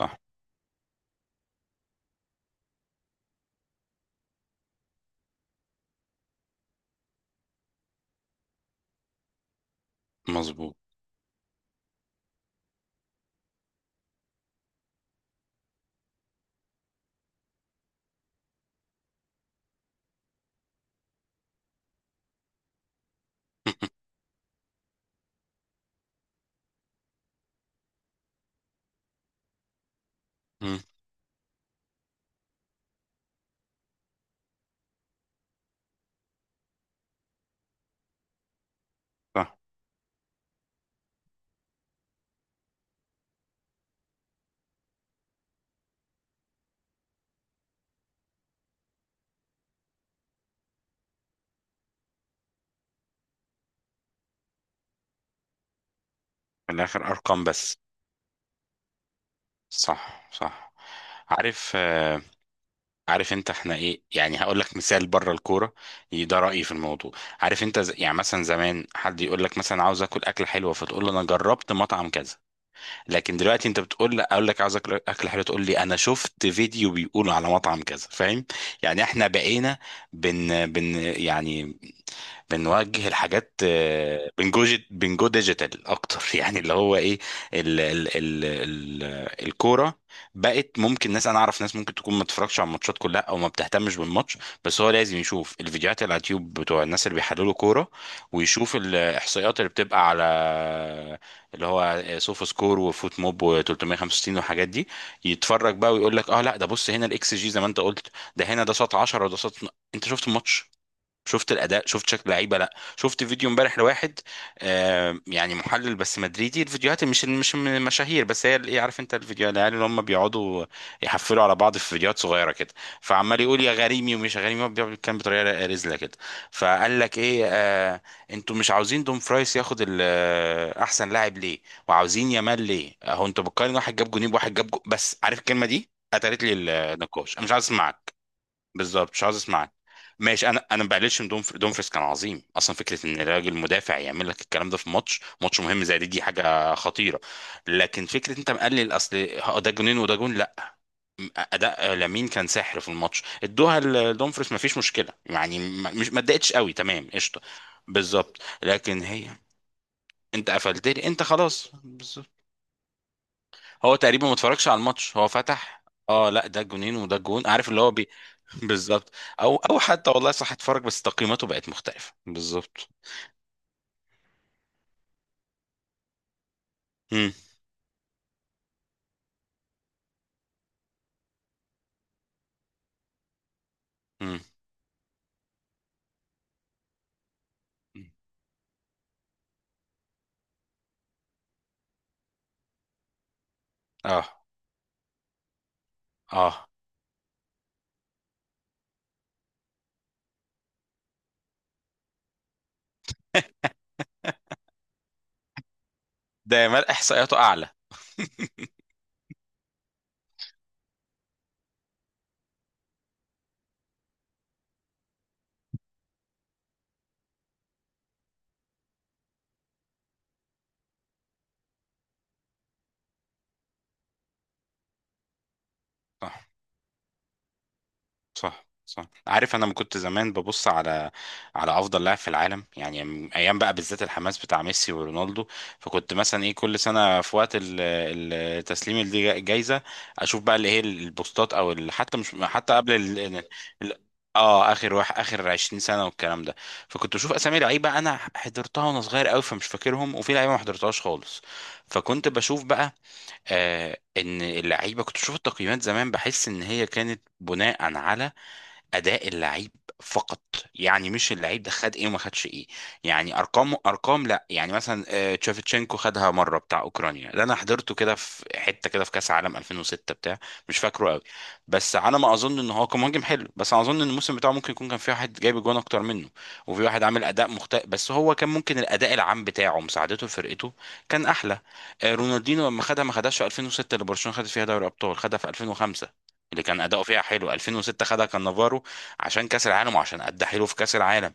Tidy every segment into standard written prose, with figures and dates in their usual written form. صح. مظبوط. مم. صح. من الاخر ارقام بس. صح، صح. عارف، عارف انت احنا ايه؟ يعني هقول لك مثال بره الكوره. ده رايي في الموضوع. عارف انت، يعني مثلا زمان حد يقول لك مثلا عاوز اكل اكله حلوه فتقول له انا جربت مطعم كذا. لكن دلوقتي انت بتقول لا، اقول لك عاوز اكل اكله حلوه تقول لي انا شفت فيديو بيقول على مطعم كذا، فاهم؟ يعني احنا بقينا بن بن يعني بنوجه الحاجات، بنجو ديجيتال اكتر يعني اللي هو ايه؟ ال ال ال ال الكوره بقت ممكن ناس، انا اعرف ناس ممكن تكون ما بتتفرجش على الماتشات كلها او ما بتهتمش بالماتش، بس هو لازم يشوف الفيديوهات اللي على اليوتيوب بتوع الناس اللي بيحللوا كوره، ويشوف الاحصائيات اللي بتبقى على اللي هو سوفا سكور وفوت موب و365 والحاجات دي. يتفرج بقى ويقول لك اه لا ده بص هنا الاكس جي زي ما انت قلت، ده هنا ده شاط 10 وده شاط. انت شفت الماتش؟ شفت الاداء؟ شفت شكل لعيبه؟ لا، شفت فيديو امبارح لواحد آه يعني محلل بس مدريدي، الفيديوهات مش من المشاهير، بس هي ايه، عارف انت الفيديو، العيال اللي هم بيقعدوا يحفلوا على بعض في فيديوهات صغيره كده، فعمال يقول يا غريمي ومش يا غريمي، هو بيقعد يتكلم بطريقه رزله كده. فقال لك ايه آه انتوا مش عاوزين دوم فرايس ياخد احسن لاعب ليه؟ وعاوزين يامال ليه؟ اهو انتوا بتقارن واحد جاب جونين بواحد جاب جو... بس عارف الكلمه دي قتلت لي النقاش، انا مش عايز اسمعك. بالظبط، مش عاوز اسمعك. ماشي، انا ما بقللش من دومفريس، كان عظيم اصلا. فكره ان راجل مدافع يعمل لك الكلام ده في ماتش مهم زي دي حاجه خطيره. لكن فكره انت مقلل اصل، ده جونين وده جون، لا. اداء لامين كان سحر في الماتش، ادوها لدومفريس ما فيش مشكله يعني، مش ما اتضايقتش قوي، تمام، قشطه. بالظبط. لكن هي انت قفلت لي انت، خلاص، هو تقريبا ما اتفرجش على الماتش، هو فتح اه لا ده جونين وده جون، عارف اللي هو بي... بالظبط. او حتى والله صح، اتفرج بس تقييماته بقت مختلفة. بالظبط. امم، امم، امم. اه، اه. ده يا مال احصائياته اعلى. صح. صح، صح. عارف انا ما كنت زمان ببص على افضل لاعب في العالم، يعني ايام بقى، بالذات الحماس بتاع ميسي ورونالدو، فكنت مثلا ايه كل سنه في وقت تسليم الجائزه، اشوف بقى اللي هي البوستات او حتى مش حتى قبل ال- اه اخر واحد، اخر 20 سنه والكلام ده. فكنت بشوف اسامي لعيبه انا حضرتها وانا صغير قوي فمش فاكرهم، وفي لعيبه ما حضرتهاش خالص. فكنت بشوف بقى آه ان اللعيبه، كنت بشوف التقييمات زمان بحس ان هي كانت بناء على اداء اللعيب فقط، يعني مش اللعيب ده خد ايه وما خدش ايه، يعني ارقام، ارقام لا. يعني مثلا تشافيتشينكو خدها مره، بتاع اوكرانيا ده، انا حضرته كده في حته كده في كاس عالم 2006، بتاع مش فاكره قوي، بس على ما اظن ان هو كان مهاجم حلو، بس انا اظن ان الموسم بتاعه ممكن يكون كان في واحد جايب جوان اكتر منه، وفي واحد عامل اداء مختلف، بس هو كان ممكن الاداء العام بتاعه مساعدته لفرقته كان احلى. رونالدينو لما خدها، ما خدهاش في 2006 اللي برشلونه خدت فيها دوري ابطال، خدها في 2005 اللي كان اداؤه فيها حلو. 2006 خدها كان نافارو، عشان كاس العالم وعشان ادى حلو في كاس العالم.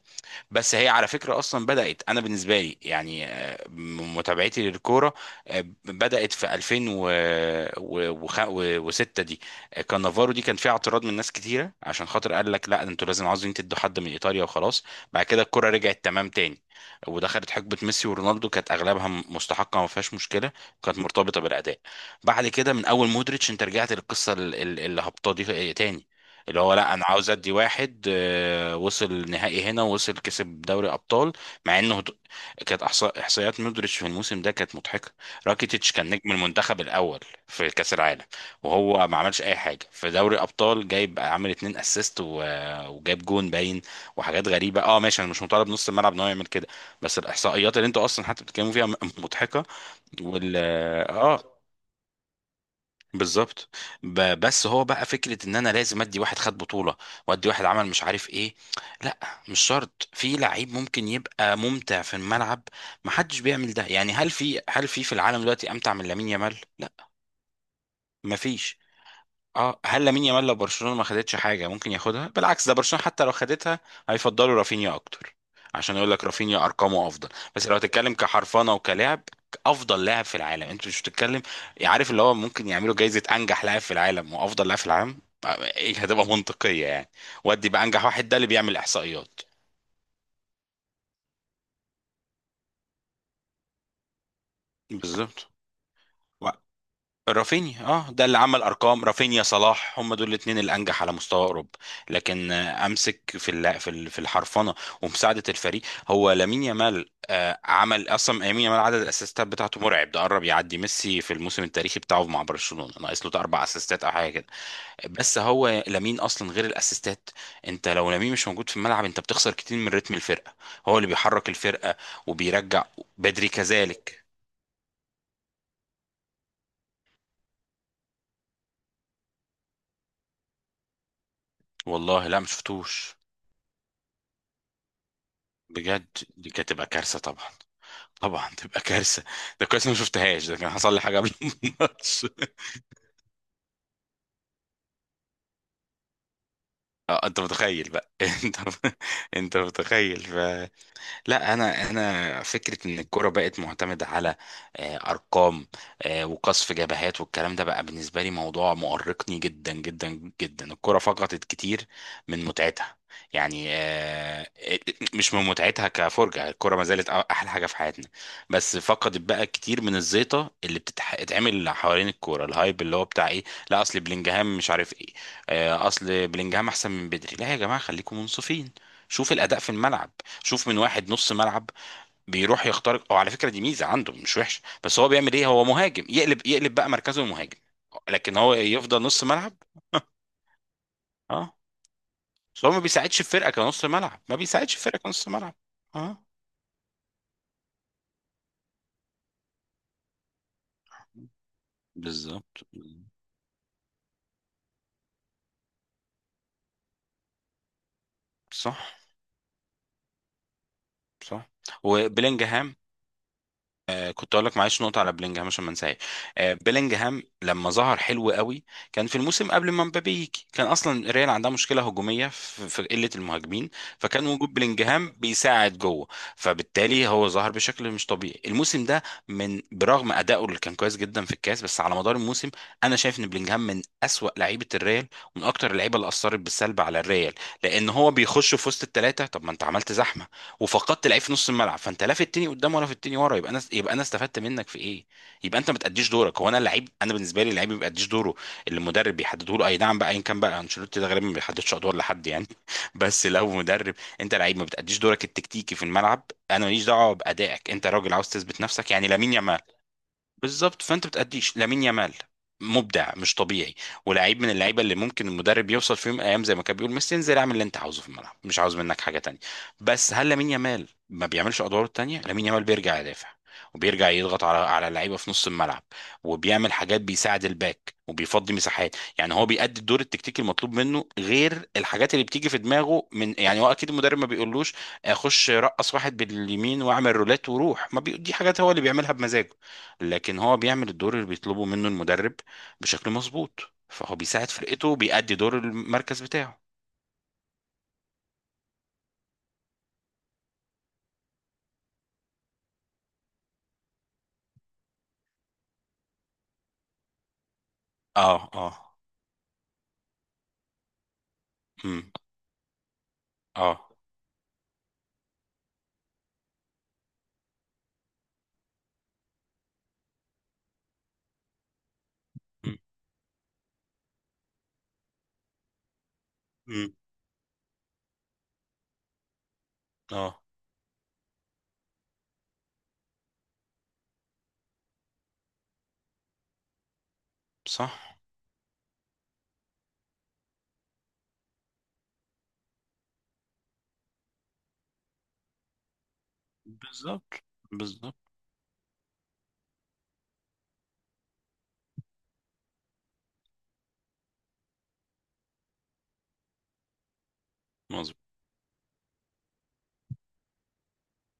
بس هي على فكره اصلا بدات انا بالنسبه لي يعني من متابعتي للكوره بدات في 2006 دي. كان نافارو، دي كان فيها اعتراض من ناس كتيره، عشان خاطر قال لك لا انتوا لازم عاوزين تدوا حد من ايطاليا وخلاص. بعد كده الكوره رجعت تمام تاني، ودخلت حقبه ميسي ورونالدو كانت اغلبها مستحقه، ما فيهاش مشكله، كانت مرتبطه بالاداء. بعد كده من اول مودريتش انت رجعت للقصه الهبطه دي تاني، اللي هو لا انا عاوز ادي واحد وصل نهائي هنا ووصل كسب دوري ابطال، مع انه كانت احصائيات مودريتش في الموسم ده كانت مضحكه. راكيتيتش كان نجم المنتخب الاول في كاس العالم، وهو ما عملش اي حاجه في دوري ابطال، جايب عامل 2 اسيست وجايب جون باين وحاجات غريبه. اه ماشي انا مش مطالب نص الملعب ان هو يعمل كده، بس الاحصائيات اللي انتوا اصلا حتى بتتكلموا فيها مضحكه. وال اه، بالظبط. بس هو بقى فكره ان انا لازم ادي واحد خد بطوله وادي واحد عمل مش عارف ايه، لا. مش شرط، في لعيب ممكن يبقى ممتع في الملعب، محدش بيعمل ده يعني. هل في في العالم دلوقتي امتع من لامين يامال؟ لا، مفيش. اه، هل لامين يامال لو برشلونه ما خدتش حاجه ممكن ياخدها؟ بالعكس، ده برشلونه حتى لو خدتها هيفضلوا رافينيا اكتر، عشان يقول لك رافينيا ارقامه افضل. بس لو هتتكلم كحرفنه وكلاعب افضل لاعب في العالم، انت مش بتتكلم. يعني عارف اللي هو ممكن يعملوا جايزه انجح لاعب في العالم وافضل لاعب في العالم، ايه هتبقى منطقيه يعني. ودي بقى انجح واحد ده اللي بيعمل احصائيات. بالظبط، رافينيا، اه ده اللي عمل ارقام. رافينيا، صلاح، هم دول الاثنين الانجح على مستوى اوروبا. لكن امسك في في الحرفنه ومساعده الفريق. هو لامين يامال عمل اصلا، لامين يامال عدد الاسيستات بتاعته مرعب، ده قرب يعدي ميسي في الموسم التاريخي بتاعه مع برشلونه، ناقص له ده 4 اسيستات او حاجه كده. بس هو لامين اصلا غير الاسيستات، انت لو لامين مش موجود في الملعب انت بتخسر كتير من رتم الفرقه، هو اللي بيحرك الفرقه وبيرجع، بدري كذلك. والله لا مشفتوش. بجد، دي كانت تبقى كارثه طبعا، طبعا تبقى كارثه. ده كويس إني ما شفتهاش، ده كان حصل لي حاجه قبل الماتش. اه، انت متخيل بقى انت، انت متخيل. لا، انا فكره ان الكوره بقت معتمده على ارقام وقصف جبهات والكلام ده، بقى بالنسبه لي موضوع مؤرقني جدا جدا جدا. الكوره فقدت كتير من متعتها، يعني مش من متعتها كفرجه، الكوره ما زالت احلى حاجه في حياتنا، بس فقدت بقى كتير من الزيطه اللي بتتعمل حوالين الكوره، الهايب اللي هو بتاع ايه؟ لا اصل بلينجهام مش عارف ايه. اصل بلينجهام احسن من بدري، لا يا جماعه خليكم منصفين. شوف الاداء في الملعب. شوف من واحد نص ملعب بيروح يخترق، او على فكره دي ميزه عنده مش وحش، بس هو بيعمل ايه، هو مهاجم، يقلب يقلب بقى مركزه مهاجم. لكن هو يفضل نص ملعب اه، بس هو ما بيساعدش الفرقه كنص ملعب، ما بيساعدش الفرقه كنص ملعب. اه، بالظبط، صح، صح. وبلينجهام، آه كنت اقول لك معلش نقطه على بلينجهام عشان ما انساهاش. آه، بلينجهام لما ظهر حلو قوي، كان في الموسم قبل ما مبابي يجي، كان اصلا ريال عندها مشكله هجوميه في قله المهاجمين، فكان وجود بلينجهام بيساعد جوه. فبالتالي هو ظهر بشكل مش طبيعي الموسم ده، من برغم ادائه اللي كان كويس جدا في الكاس، بس على مدار الموسم انا شايف ان بلينجهام من اسوأ لعيبه الريال، ومن اكتر اللعيبه اللي اثرت بالسلب على الريال، لان هو بيخش في وسط الثلاثه، طب ما انت عملت زحمه وفقدت لعيب في نص الملعب، فانت لا في التاني قدام ولا في التاني ورا، يبقى انا استفدت منك في ايه؟ يبقى انت ما تأديش دورك. هو انا اللعيب، انا بالنسبه لي اللعيب ما بيأديش دوره اللي المدرب بيحدده له، اي نعم بقى ايا كان، بقى انشيلوتي ده غالبا ما بيحددش ادوار لحد يعني بس لو مدرب، انت لعيب ما بتأديش دورك التكتيكي في الملعب، انا ماليش دعوه بأدائك، انت راجل عاوز تثبت نفسك يعني. لامين يامال بالظبط، فانت بتأديش. لامين يامال مبدع مش طبيعي، ولاعيب من اللعيبه اللي ممكن المدرب يوصل في يوم من الايام زي ما كان بيقول ميسي انزل اعمل اللي انت عاوزه في الملعب، مش عاوز منك حاجه تانية. بس هل لامين يامال ما بيعملش ادواره التانية؟ لامين يامال بيرجع يدافع، وبيرجع يضغط على اللعيبه في نص الملعب، وبيعمل حاجات بيساعد الباك وبيفضي مساحات يعني، هو بيأدي الدور التكتيكي المطلوب منه، غير الحاجات اللي بتيجي في دماغه، من يعني هو اكيد المدرب ما بيقولوش اخش رقص واحد باليمين واعمل رولات وروح ما بي... دي حاجات هو اللي بيعملها بمزاجه. لكن هو بيعمل الدور اللي بيطلبه منه المدرب بشكل مظبوط، فهو بيساعد فرقته، بيأدي دور المركز بتاعه. اه، اه، امم، اه، امم، اه، صح، بالظبط، بالظبط، مظبوط.